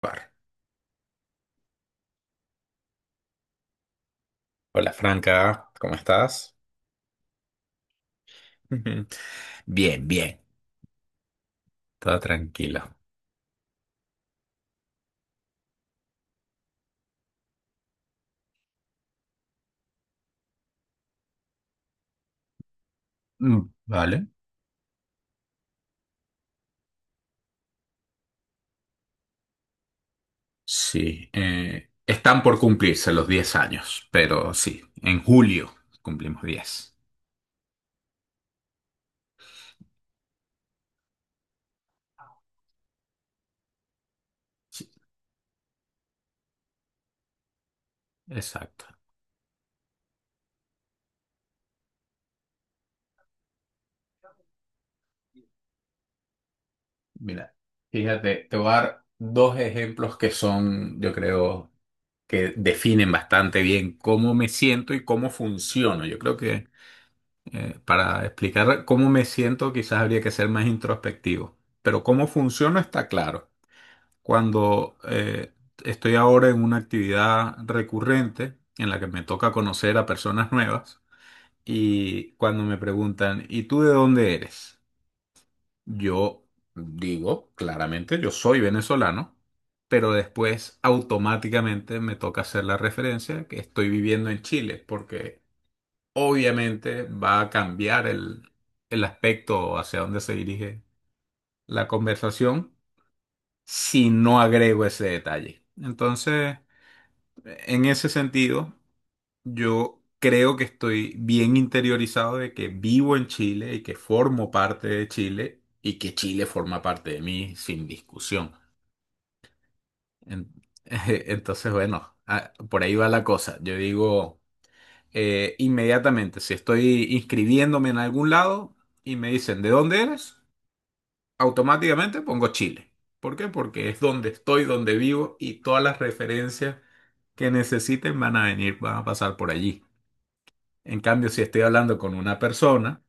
Bar. Hola Franca, ¿cómo estás? Ujú. Bien, bien, todo tranquilo. Mm, vale. Sí, están por cumplirse los 10 años, pero sí, en julio cumplimos 10. Sí, exacto. Mira, fíjate, te voy a dar dos ejemplos que son, yo creo, que definen bastante bien cómo me siento y cómo funciono. Yo creo que para explicar cómo me siento, quizás habría que ser más introspectivo, pero cómo funciona está claro. Cuando estoy ahora en una actividad recurrente en la que me toca conocer a personas nuevas y cuando me preguntan, ¿y tú de dónde eres? Yo digo claramente, yo soy venezolano, pero después automáticamente me toca hacer la referencia que estoy viviendo en Chile, porque obviamente va a cambiar el aspecto hacia dónde se dirige la conversación si no agrego ese detalle. Entonces, en ese sentido, yo creo que estoy bien interiorizado de que vivo en Chile y que formo parte de Chile y que Chile forma parte de mí sin discusión. En- Entonces, bueno, ah, por ahí va la cosa. Yo digo, inmediatamente. Si estoy inscribiéndome en algún lado y me dicen, ¿de dónde eres? Automáticamente pongo Chile. ¿Por qué? Porque es donde estoy, donde vivo y todas las referencias que necesiten van a venir, van a pasar por allí. En cambio, si estoy hablando con una persona,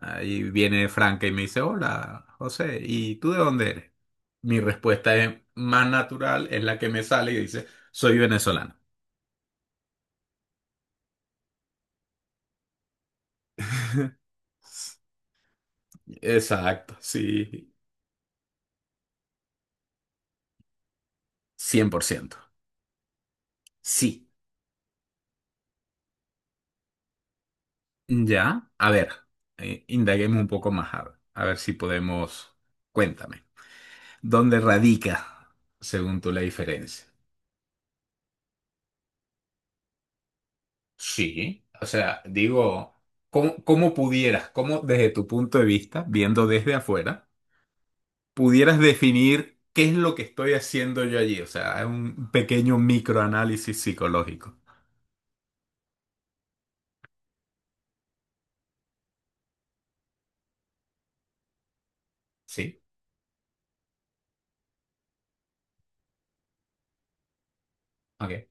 ahí viene Franca y me dice, hola, José, ¿y tú de dónde eres? Mi respuesta es más natural, es la que me sale y dice, soy venezolano. Exacto, sí, 100%, sí. Ya, a ver, indaguemos un poco más, a ver si podemos. Cuéntame, ¿dónde radica, según tú, la diferencia? Sí, o sea, digo, cómo pudieras, cómo desde tu punto de vista, viendo desde afuera, pudieras definir qué es lo que estoy haciendo yo allí? O sea, es un pequeño microanálisis psicológico. Sí, ok.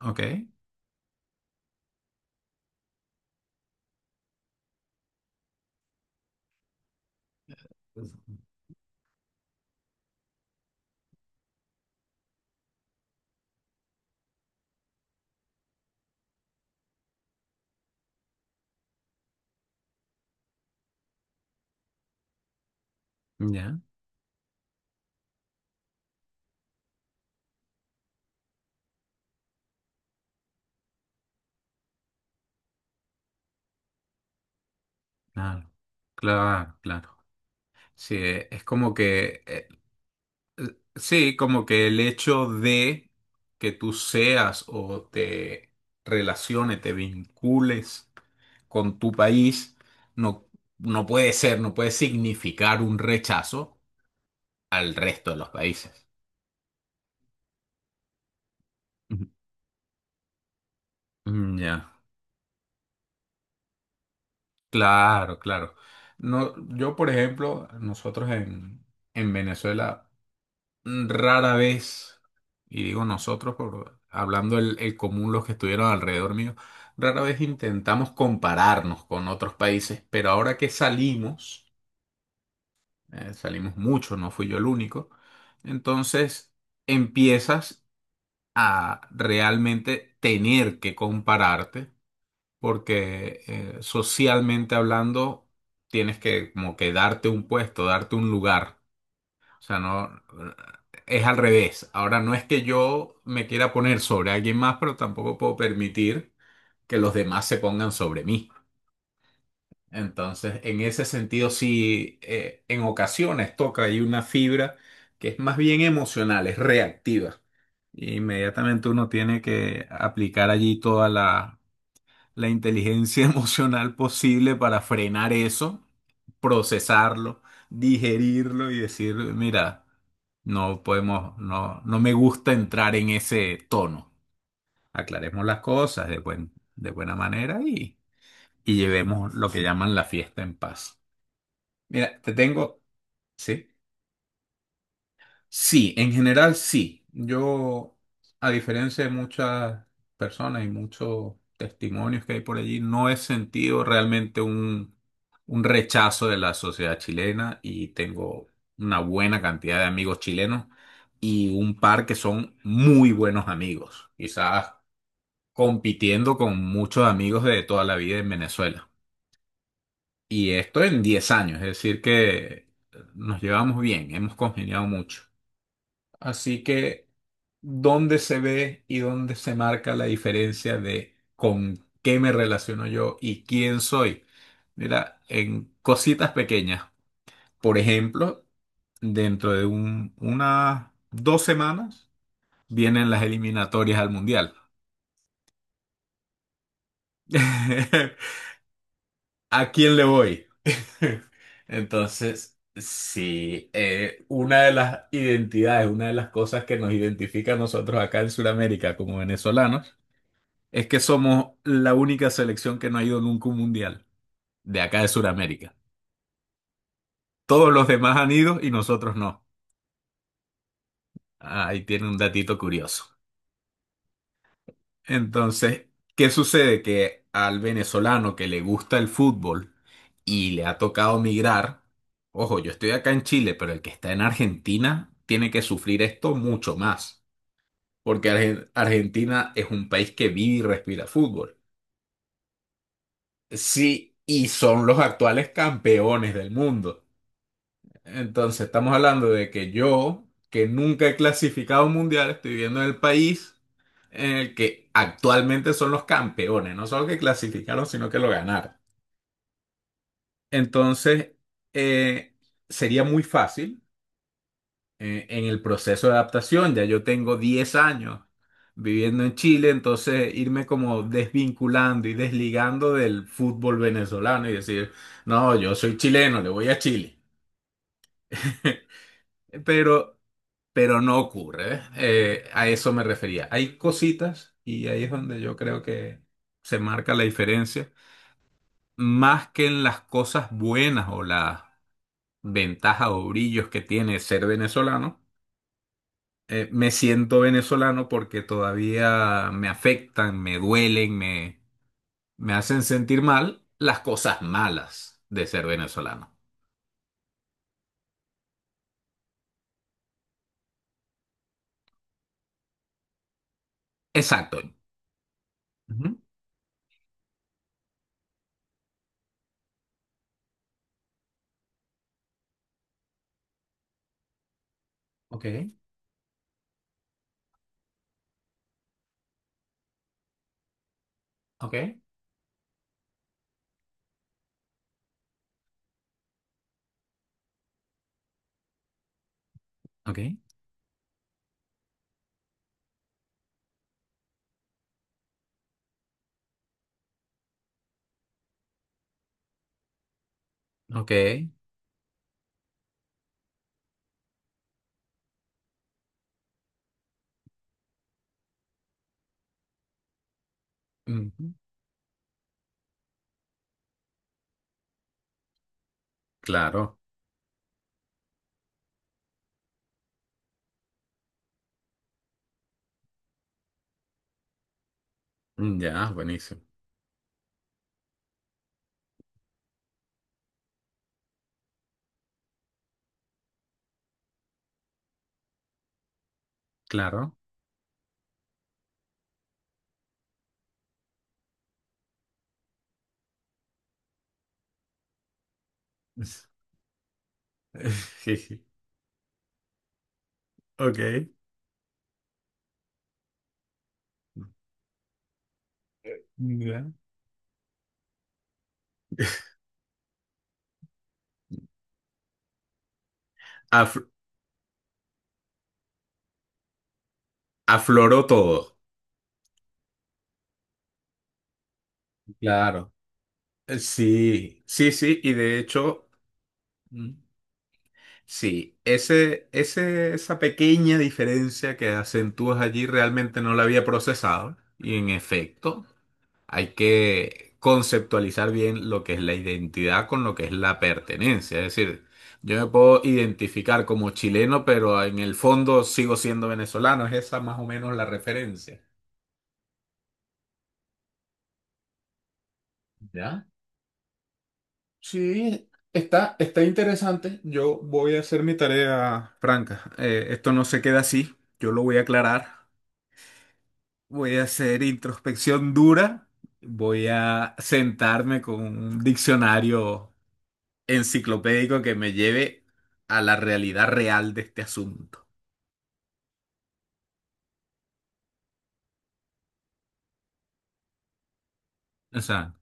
Ok, ya, claro. Claro, claro. Sí, es como que sí, como que el hecho de que tú seas o te relaciones, te vincules con tu país, no, no puede ser, no puede significar un rechazo al resto de los países. Ujú. Mm, ya. Claro, claro. No, yo, por ejemplo, nosotros en Venezuela rara vez, y digo nosotros, por, hablando el común, los que estuvieron alrededor mío, rara vez intentamos compararnos con otros países, pero ahora que salimos mucho, no fui yo el único, entonces empiezas a realmente tener que compararte, porque socialmente hablando, tienes que como que darte un puesto, darte un lugar. O sea, no, es al revés. Ahora no es que yo me quiera poner sobre alguien más, pero tampoco puedo permitir que los demás se pongan sobre mí. Entonces, en ese sentido, sí, en ocasiones toca ahí una fibra que es más bien emocional, es reactiva. Inmediatamente uno tiene que aplicar allí toda la inteligencia emocional posible para frenar eso, procesarlo, digerirlo y decir, mira, no podemos, no, no me gusta entrar en ese tono. Aclaremos las cosas de buena manera y llevemos lo que llaman la fiesta en paz. Mira, te tengo, ¿sí? Sí, en general sí. Yo, a diferencia de muchas personas y muchos testimonios que hay por allí, no he sentido realmente un rechazo de la sociedad chilena y tengo una buena cantidad de amigos chilenos y un par que son muy buenos amigos, quizás compitiendo con muchos amigos de toda la vida en Venezuela. Y esto en 10 años, es decir, que nos llevamos bien, hemos congeniado mucho. Así que, ¿dónde se ve y dónde se marca la diferencia de con qué me relaciono yo y quién soy? Mira, en cositas pequeñas. Por ejemplo, dentro de unas 2 semanas vienen las eliminatorias al Mundial. ¿A quién le voy? Entonces, sí, una de las identidades, una de las cosas que nos identifica a nosotros acá en Sudamérica como venezolanos es que somos la única selección que no ha ido nunca a un mundial de acá de Sudamérica. Todos los demás han ido y nosotros no. Ah, ahí tiene un datito curioso. Entonces, ¿qué sucede? Que al venezolano que le gusta el fútbol y le ha tocado migrar, ojo, yo estoy acá en Chile, pero el que está en Argentina tiene que sufrir esto mucho más, porque Argentina es un país que vive y respira fútbol. Sí, y son los actuales campeones del mundo. Entonces, estamos hablando de que yo, que nunca he clasificado un mundial, estoy viviendo en el país en el que actualmente son los campeones, no solo que clasificaron, sino que lo ganaron. Entonces, eh, sería muy fácil en el proceso de adaptación. Ya yo tengo 10 años viviendo en Chile, entonces irme como desvinculando y desligando del fútbol venezolano y decir, no, yo soy chileno, le voy a Chile. Pero pero no ocurre. ¿Ves? A eso me refería. Hay cositas y ahí es donde yo creo que se marca la diferencia, más que en las cosas buenas o las ventajas o brillos que tiene ser venezolano. Me siento venezolano porque todavía me afectan, me duelen, me hacen sentir mal las cosas malas de ser venezolano. Exacto. Ujú. Ok, ok, ok, ok, ujú, claro. Ya, buenísimo. Claro. Es- Jeje. Ok. Ya. Af- Afloró todo. Claro. Sí, sí, sí. Y de hecho, mm, sí, esa pequeña diferencia que acentúas allí realmente no la había procesado. Y en efecto. Hay que conceptualizar bien lo que es la identidad con lo que es la pertenencia. Es decir, yo me puedo identificar como chileno, pero en el fondo sigo siendo venezolano. Es esa más o menos la referencia. ¿Ya? Sí, está interesante. Yo voy a hacer mi tarea franca. Esto no se queda así. Yo lo voy a aclarar. Voy a hacer introspección dura. Voy a sentarme con un diccionario enciclopédico que me lleve a la realidad real de este asunto. Exacto.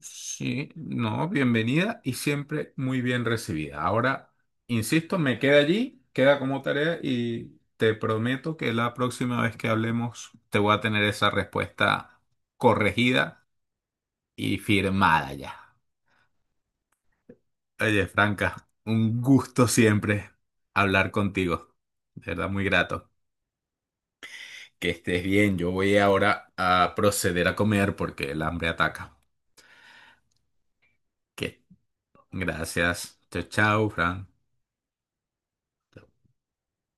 Sí, no, bienvenida y siempre muy bien recibida. Ahora, insisto, me queda allí, queda como tarea y te prometo que la próxima vez que hablemos te voy a tener esa respuesta corregida y firmada ya. Oye, Franca, un gusto siempre hablar contigo. De verdad, muy grato. Que estés bien, yo voy ahora a proceder a comer porque el hambre ataca. Que Gracias. Chao, chao, Fran.